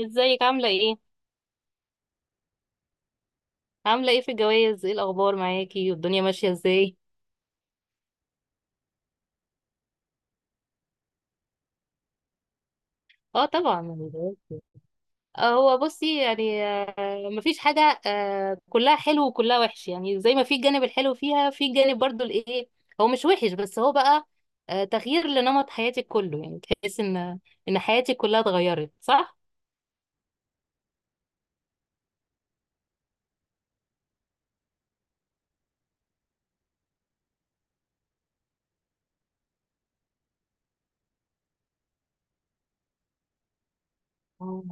ازيك عاملة ايه؟ عاملة ايه في الجواز؟ ايه الأخبار معاكي؟ والدنيا ماشية ازاي؟ اه طبعا الجواز. هو بصي يعني، مفيش حاجة، كلها حلو وكلها وحش، يعني زي ما في الجانب الحلو فيها في الجانب برضو الايه. هو مش وحش بس هو بقى تغيير لنمط حياتك كله، يعني تحس ان حياتك كلها اتغيرت، صح؟ آه.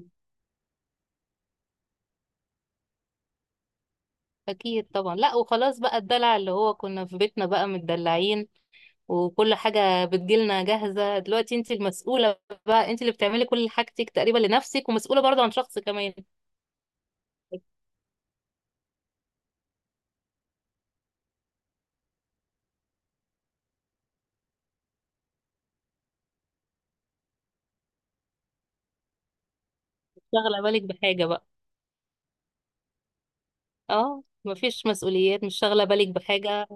أكيد طبعا. لا وخلاص بقى، الدلع اللي هو كنا في بيتنا بقى متدلعين وكل حاجة بتجيلنا جاهزة، دلوقتي انت المسؤولة بقى، انت اللي بتعملي كل حاجتك تقريبا لنفسك ومسؤولة برضه عن شخص كمان. مش شاغلة بالك بحاجة بقى؟ اه، مفيش مسؤوليات، مش شاغلة بالك بحاجة.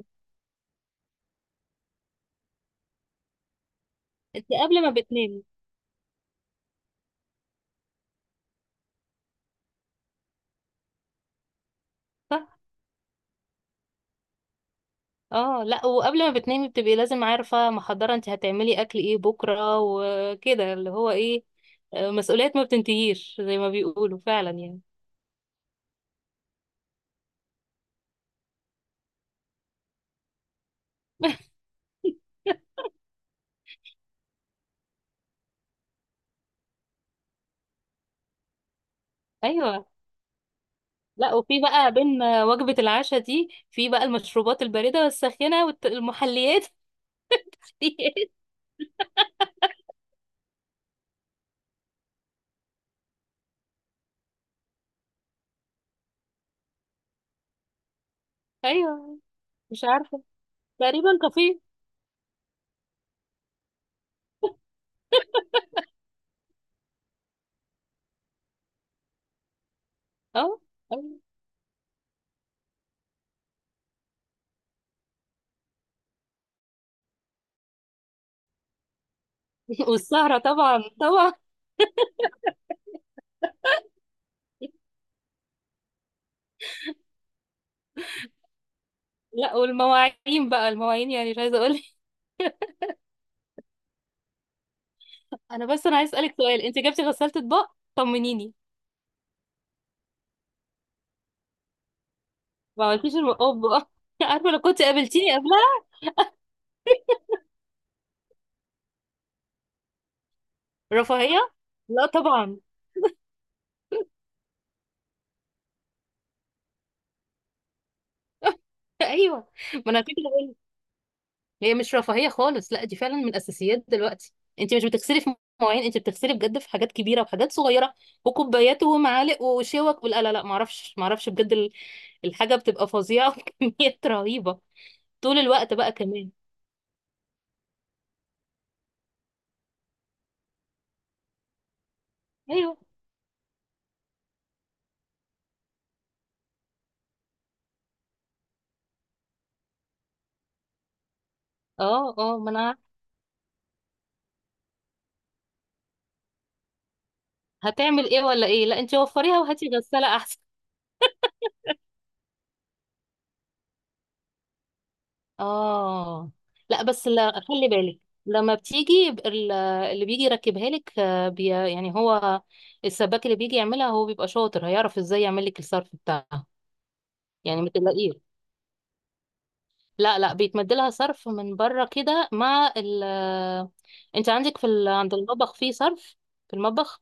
انت قبل ما بتنامي، صح؟ اه لا، وقبل ما بتنامي بتبقي لازم عارفة محضرة انت هتعملي اكل ايه بكرة وكده، اللي هو ايه، مسؤوليات ما بتنتهيش زي ما بيقولوا فعلا يعني. ايوه. لا وفي بقى بين وجبة العشاء دي، في بقى المشروبات الباردة والساخنة والمحليات. ايوه. مش عارفة، تقريبا كافيه. اه. أيوة. والسهرة طبعا، طبعا. لا والمواعين بقى، المواعين، يعني مش عايزة اقول. انا بس، انا عايز اسألك سؤال، انت جبتي غسالة اطباق؟ طمنيني. ما عملتيش المقاب بقى. عارفة لو كنت قابلتيني قبلها. رفاهية؟ لا طبعا. ايوه، ما انا كده. هي مش رفاهية خالص، لا دي فعلا من الأساسيات دلوقتي. انت مش بتغسلي في مواعين، انت بتغسلي بجد في حاجات كبيرة وحاجات صغيرة وكوبايات ومعالق وشوك، لا لا لا، معرفش معرفش بجد الحاجة بتبقى فظيعة، وكميات رهيبة طول الوقت بقى كمان. ايوه. اه اه، ما انا هتعمل ايه ولا ايه؟ لا انت وفريها وهاتي غسالة احسن. اه لا بس، لا خلي بالك، لما بتيجي اللي بيجي يركبها لك، آه، بي يعني هو السباك اللي بيجي يعملها هو بيبقى شاطر، هيعرف ازاي يعمل لك الصرف بتاعها، يعني ما تلاقيه. لا لا، بيتمد لها صرف من بره كده مع ال انت عندك في عند المطبخ فيه صرف. في المطبخ؟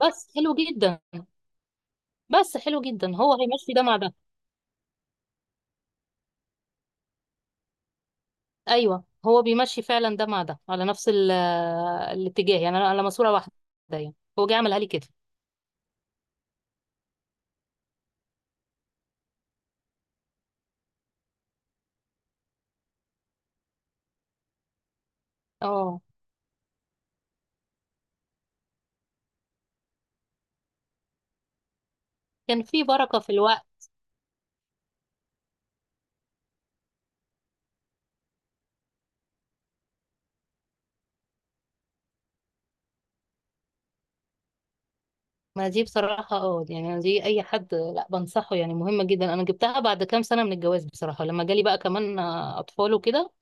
بس حلو جدا. بس حلو جدا، هو هيمشي ده مع ده. ايوه هو بيمشي فعلا ده مع ده على نفس ال... آه، الاتجاه، يعني انا على ماسوره واحده يعني، هو جاي عملها لي كده. اه، كان في بركة في الوقت. ما دي بصراحة اه، يعني دي أي حد لا بنصحه، يعني مهمة جدا. أنا جبتها بعد كام سنة من الجواز بصراحة، لما جالي بقى كمان أطفال وكده،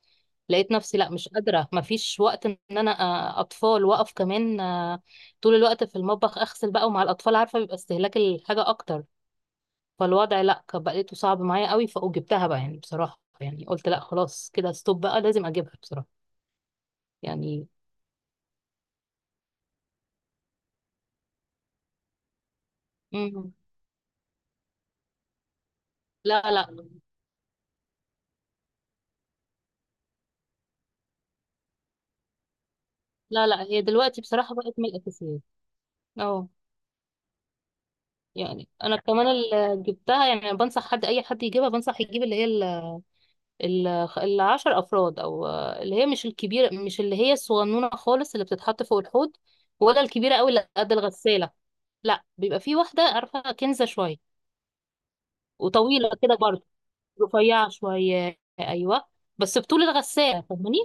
لقيت نفسي لا مش قادرة، ما فيش وقت إن أنا أطفال وأقف كمان طول الوقت في المطبخ أغسل بقى، ومع الأطفال عارفة بيبقى استهلاك الحاجة أكتر، فالوضع لا كان بقيته صعب معايا قوي، فجبتها بقى يعني بصراحة، يعني قلت لا خلاص كده ستوب بقى، لازم أجيبها بصراحة يعني. مم. لا لا، لا لا، هي دلوقتي بصراحة بقت من الأساسيات. اه، يعني انا كمان اللي جبتها، يعني أنا بنصح حد، اي حد يجيبها بنصح يجيب اللي هي ال- العشر افراد، او اللي هي مش الكبيره، مش اللي هي الصغنونه خالص اللي بتتحط فوق الحوض، ولا الكبيره قوي اللي قد الغساله، لا بيبقى في واحده، عارفه كنزه شويه وطويله كده برضه، رفيعه شويه ايوه، بس بطول الغساله، فاهماني؟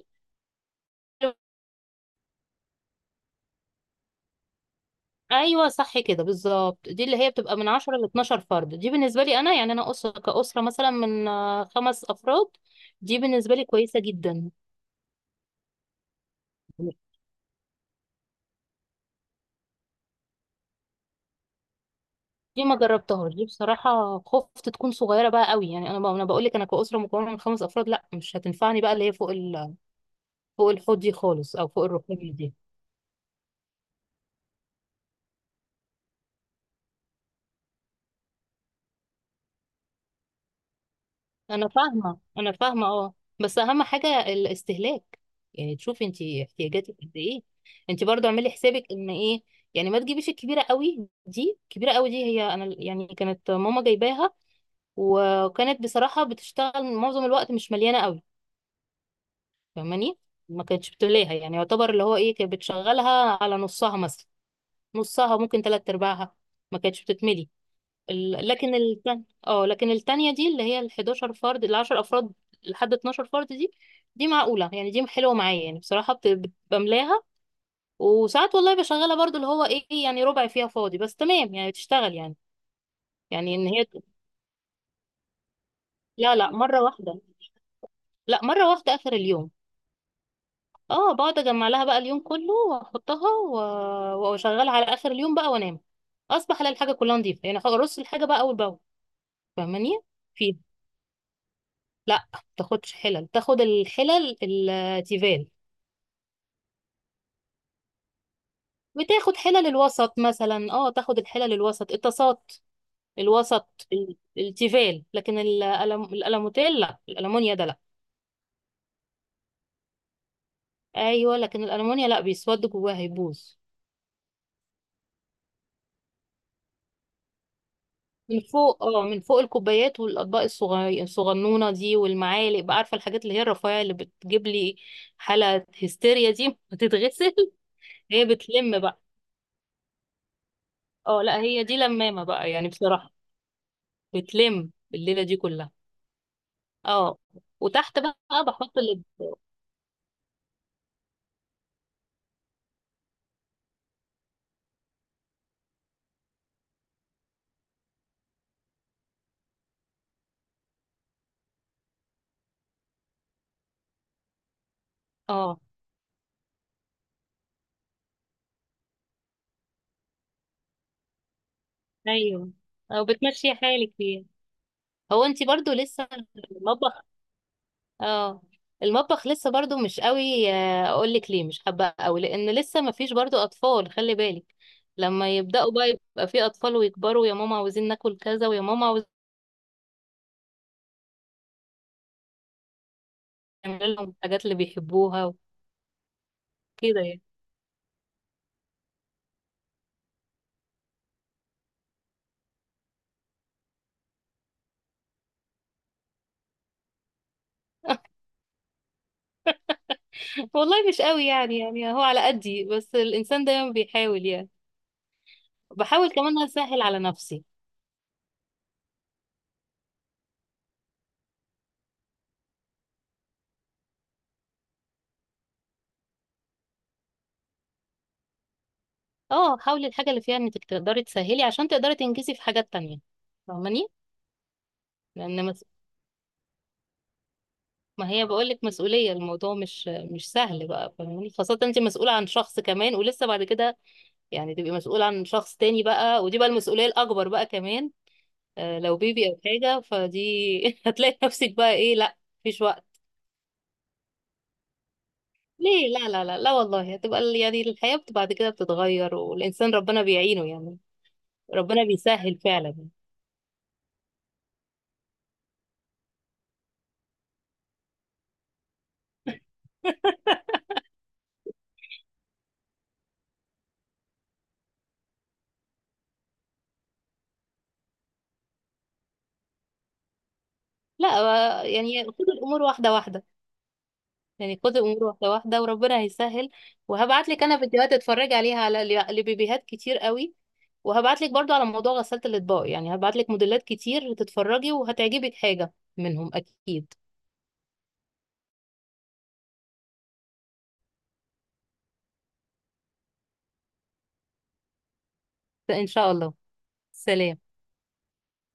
ايوه صح كده بالظبط. دي اللي هي بتبقى من 10 ل 12 فرد. دي بالنسبه لي انا، يعني انا اسره كاسره مثلا من خمس افراد، دي بالنسبه لي كويسه جدا. دي ما جربتهاش دي بصراحه، خفت تكون صغيره بقى قوي، يعني انا انا بقول لك انا كاسره مكونه من خمس افراد، لا مش هتنفعني بقى اللي هي فوق فوق الحوض دي خالص، او فوق الركاب دي. انا فاهمه انا فاهمه اه، بس اهم حاجه الاستهلاك، يعني تشوفي انت احتياجاتك قد ايه، انت برضو اعملي حسابك ان ايه، يعني ما تجيبيش الكبيره قوي دي. الكبيره قوي دي هي انا يعني كانت ماما جايباها، وكانت بصراحه بتشتغل معظم الوقت مش مليانه قوي، فاهماني؟ ما كانتش بتملاها يعني، يعتبر اللي هو ايه، كانت بتشغلها على نصها مثلا، نصها ممكن تلات ارباعها، ما كانتش بتتملي. لكن التانية اه، لكن التانية دي اللي هي ال 11 فرد، ال 10 افراد لحد 12 فرد دي، دي معقولة يعني، دي حلوة معايا يعني بصراحة، بملاها، وساعات والله بشغلها برضو اللي هو ايه، يعني ربع فيها فاضي بس تمام، يعني بتشتغل يعني. يعني ان هي، لا لا، مرة واحدة. لا مرة واحدة اخر اليوم. اه بقعد اجمع لها بقى اليوم كله، واحطها واشغلها على اخر اليوم بقى وانام، اصبح الاقي الحاجة كلها نظيفة، يعني ارص الحاجة بقى اول باول، فاهماني؟ لا تاخدش حلل، تاخد الحلل التيفال، بتاخد حلل الوسط مثلا، اه تاخد الحلل الوسط، الطاسات الوسط التيفال، لكن الألموتيل، لا الألمونيا ده لا. ايوه لكن الألمونيا لا، بيسود جواها، هيبوظ. من فوق، اه من فوق الكوبايات والأطباق الصغير الصغنونة دي، والمعالق بقى، عارفة الحاجات اللي هي الرفيعة اللي بتجيب لي حالة هستيريا دي، بتتغسل. هي بتلم بقى، اه لا هي دي لمامة بقى يعني بصراحة، بتلم الليلة دي كلها. اه. وتحت بقى بحط ال اه. ايوه، او بتمشي حالك فيها. هو انت برضو لسه المطبخ، اه المطبخ لسه برضو مش قوي، اقول لك ليه مش حابه قوي؟ لان لسه ما فيش برضو اطفال، خلي بالك. لما يبداوا بقى، يبقى في اطفال ويكبروا، يا ماما عاوزين ناكل كذا، ويا ماما عاوزين نعمل لهم الحاجات اللي بيحبوها وكده يعني. والله مش قوي يعني، يعني هو على قدي، بس الانسان دايما بيحاول يعني، بحاول كمان اسهل على نفسي. اه حاولي الحاجة اللي فيها انك تقدري تسهلي عشان تقدري تنجزي في حاجات تانية، فاهماني؟ لان مس... ما هي بقولك مسؤولية، الموضوع مش مش سهل بقى، فاهماني؟ خاصة انت مسؤولة عن شخص كمان، ولسه بعد كده يعني تبقي مسؤولة عن شخص تاني بقى، ودي بقى المسؤولية الأكبر بقى كمان. آه لو بيبي أو حاجة فدي، هتلاقي نفسك بقى ايه، لا مفيش وقت. ليه؟ لا لا، لا لا، والله هتبقى يعني الحياة بعد كده بتتغير، والإنسان ربنا بيعينه يعني، ربنا بيسهل فعلا. لا، يعني خد الامور واحده واحده، يعني خد الامور واحده واحده وربنا هيسهل. وهبعت لك انا فيديوهات اتفرج عليها على لبيبيهات كتير قوي، وهبعت لك برضو على موضوع غسالة الاطباق، يعني هبعت لك موديلات كتير تتفرجي وهتعجبك حاجه منهم اكيد. فان شاء الله. سلام.